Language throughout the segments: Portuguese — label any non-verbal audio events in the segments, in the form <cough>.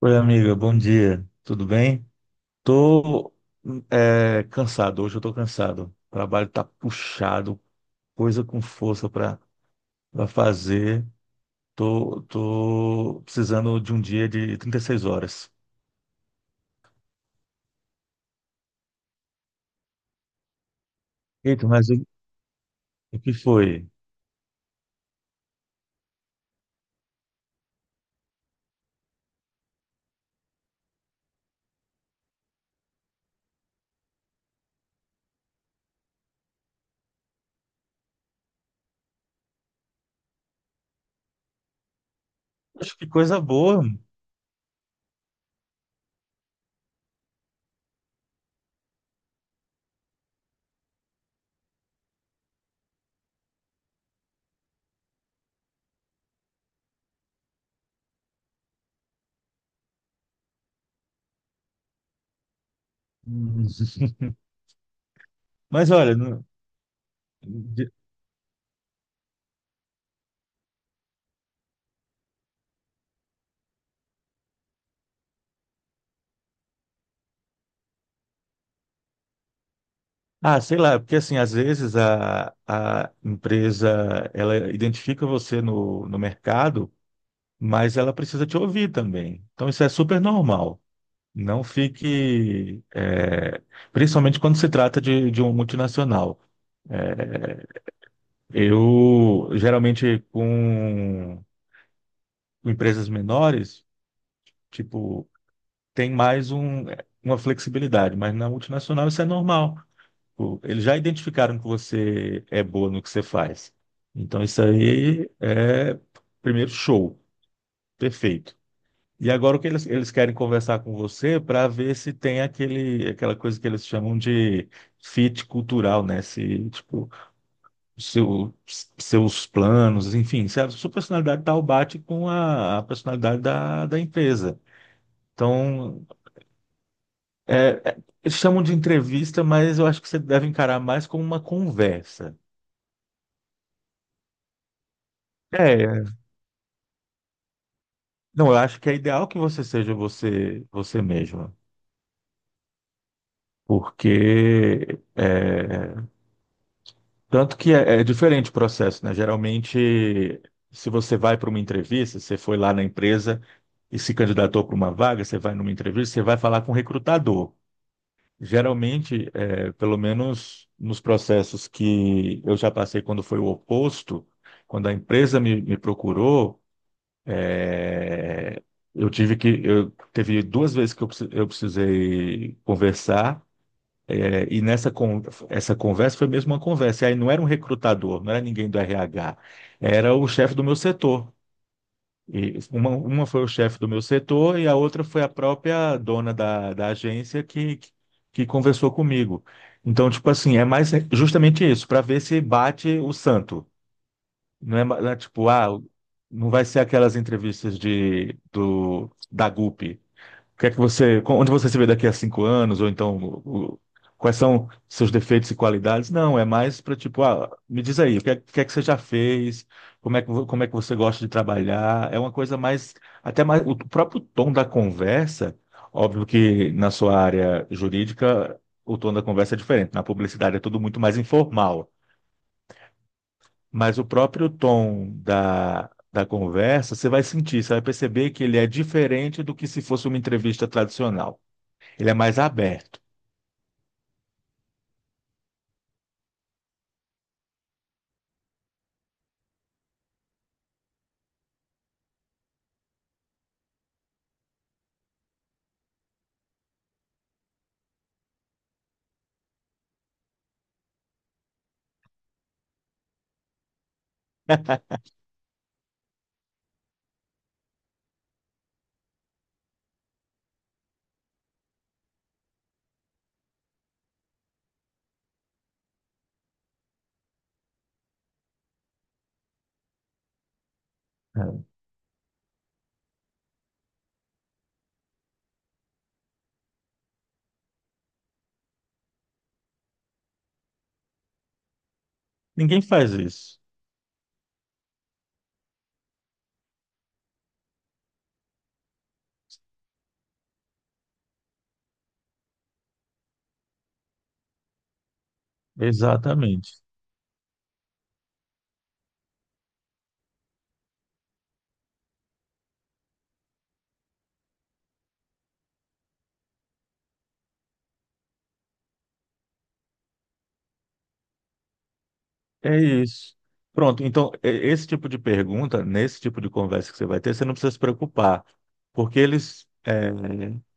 Oi, amiga, bom dia. Tudo bem? Tô cansado, hoje eu tô cansado. O trabalho tá puxado, coisa com força para fazer. Tô precisando de um dia de 36 horas. Eita, mas o que foi? Acho que coisa boa. Hum. <laughs> Mas olha, de- sei lá, porque assim, às vezes a empresa ela identifica você no mercado, mas ela precisa te ouvir também. Então, isso é super normal. Não fique, principalmente quando se trata de um multinacional. É, eu, geralmente, com empresas menores, tipo, tem mais uma flexibilidade, mas na multinacional isso é normal. Tipo, eles já identificaram que você é boa no que você faz. Então, isso aí é, primeiro, show, perfeito. E agora o que eles querem conversar com você para ver se tem aquela coisa que eles chamam de fit cultural, né? Se, tipo, seu, seus planos, enfim, se a sua personalidade tal bate com a personalidade da empresa. Então, eles chamam de entrevista, mas eu acho que você deve encarar mais como uma conversa. É, não, eu acho que é ideal que você seja você mesma, porque tanto que é diferente o processo, né? Geralmente, se você vai para uma entrevista, você foi lá na empresa e se candidatou para uma vaga, você vai numa entrevista, você vai falar com o recrutador. Geralmente, pelo menos nos processos que eu já passei quando foi o oposto, quando a empresa me procurou, é, eu tive que, eu teve duas vezes que eu, precis- eu precisei conversar. É, E nessa con- essa conversa foi mesmo uma conversa. E aí não era um recrutador, não era ninguém do RH, era o chefe do meu setor. E uma foi o chefe do meu setor e a outra foi a própria dona da agência que conversou comigo. Então, tipo assim, é mais justamente isso, para ver se bate o santo. Não é tipo, ah, não vai ser aquelas entrevistas da GUP, o que é que você, onde você se vê daqui a 5 anos, ou então o- quais são seus defeitos e qualidades? Não, é mais para tipo, ah, me diz aí, o que é que você já fez? Como é como é que você gosta de trabalhar? É uma coisa mais, até mais, o próprio tom da conversa, óbvio que na sua área jurídica o tom da conversa é diferente, na publicidade é tudo muito mais informal, mas o próprio tom da conversa, você vai sentir, você vai perceber que ele é diferente do que se fosse uma entrevista tradicional. Ele é mais aberto. É. Ninguém faz isso. Exatamente. É isso. Pronto, então, esse tipo de pergunta, nesse tipo de conversa que você vai ter, você não precisa se preocupar, porque eles,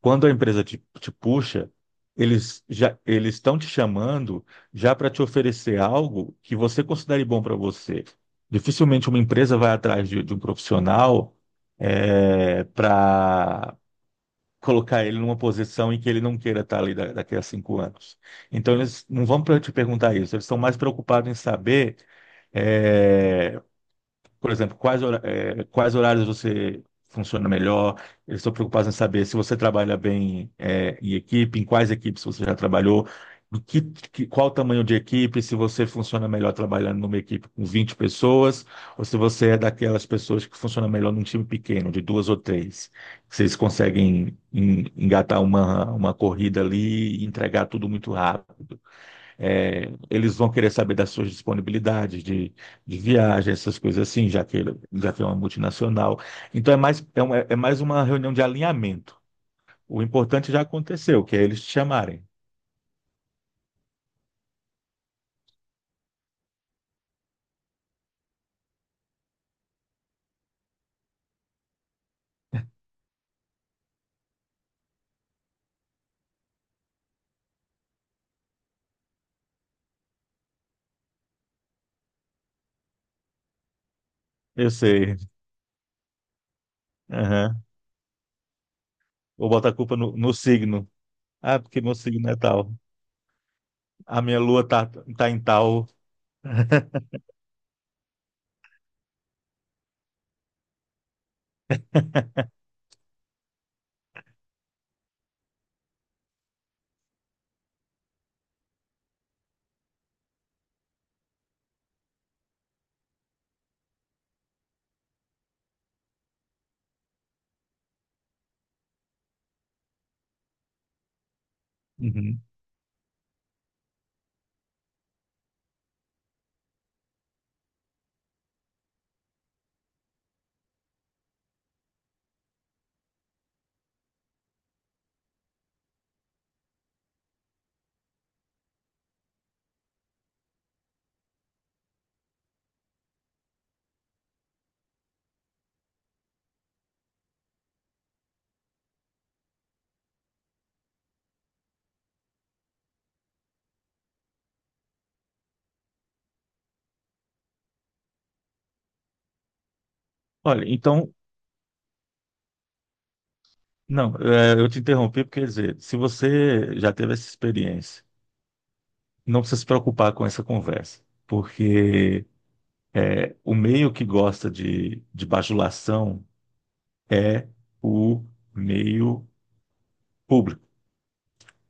quando a empresa te puxa, eles estão te chamando já para te oferecer algo que você considere bom para você. Dificilmente uma empresa vai atrás de um profissional, para colocar ele numa posição em que ele não queira estar ali daqui a 5 anos. Então, eles não vão te perguntar isso, eles estão mais preocupados em saber. eh, por exemplo, quais horários você funciona melhor? Eles estão preocupados em saber se você trabalha bem, em equipe, em quais equipes você já trabalhou, qual o tamanho de equipe, se você funciona melhor trabalhando numa equipe com 20 pessoas, ou se você é daquelas pessoas que funciona melhor num time pequeno, de duas ou três. Vocês conseguem engatar uma corrida ali e entregar tudo muito rápido. É, eles vão querer saber das suas disponibilidades de viagem, essas coisas assim, já que, já que é uma multinacional. Então é mais, é, uma, é é mais uma reunião de alinhamento. O importante já aconteceu, que é eles te chamarem. Eu sei. Aham. Vou botar a culpa no signo. Ah, porque meu signo é tal. A minha tá em tal. <laughs> Uhum. Olha, então, não, eu te interrompi porque, quer dizer, se você já teve essa experiência, não precisa se preocupar com essa conversa, porque é, o meio que gosta de bajulação é o meio público.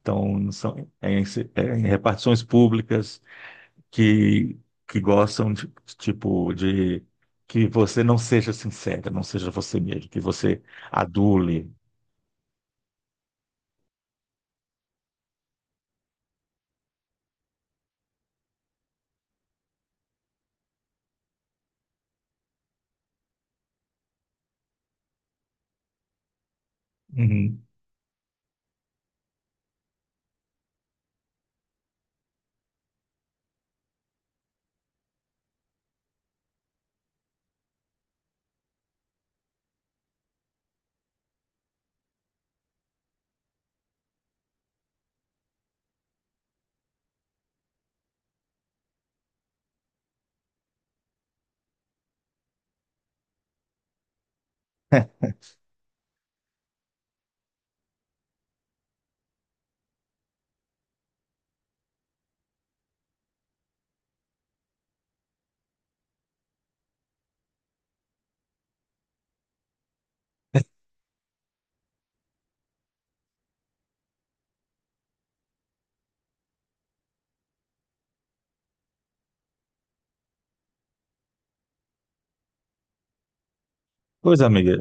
Então, é em, é em repartições públicas que, que gostam de, tipo, de que você não seja sincera, não seja você mesmo, que você adule. Uhum. <laughs> Pois, amiga,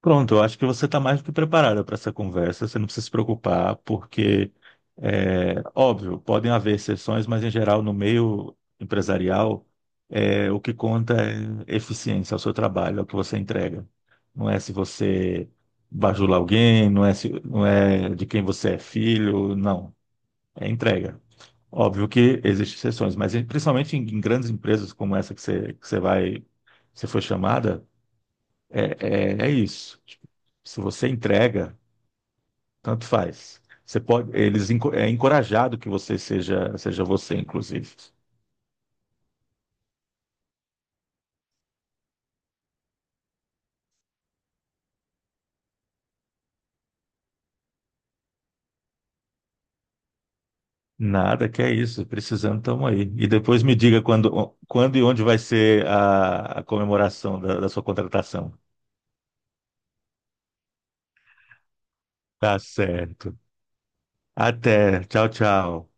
pronto, eu acho que você está mais do que preparada para essa conversa, você não precisa se preocupar, porque, é, óbvio, podem haver exceções, mas em geral, no meio empresarial, é, o que conta é eficiência, é o seu trabalho, é o que você entrega. Não é se você bajula alguém, não é, se, não é de quem você é filho, não, é entrega. Óbvio que existem exceções, mas principalmente em, em grandes empresas como essa que que você vai, que você foi chamada, é isso. Tipo, se você entrega, tanto faz. Você pode, é encorajado que você seja você, inclusive. Nada, que é isso. Precisando, estamos aí. E depois me diga quando e onde vai ser a comemoração da sua contratação. Tá certo. Até. Tchau, tchau.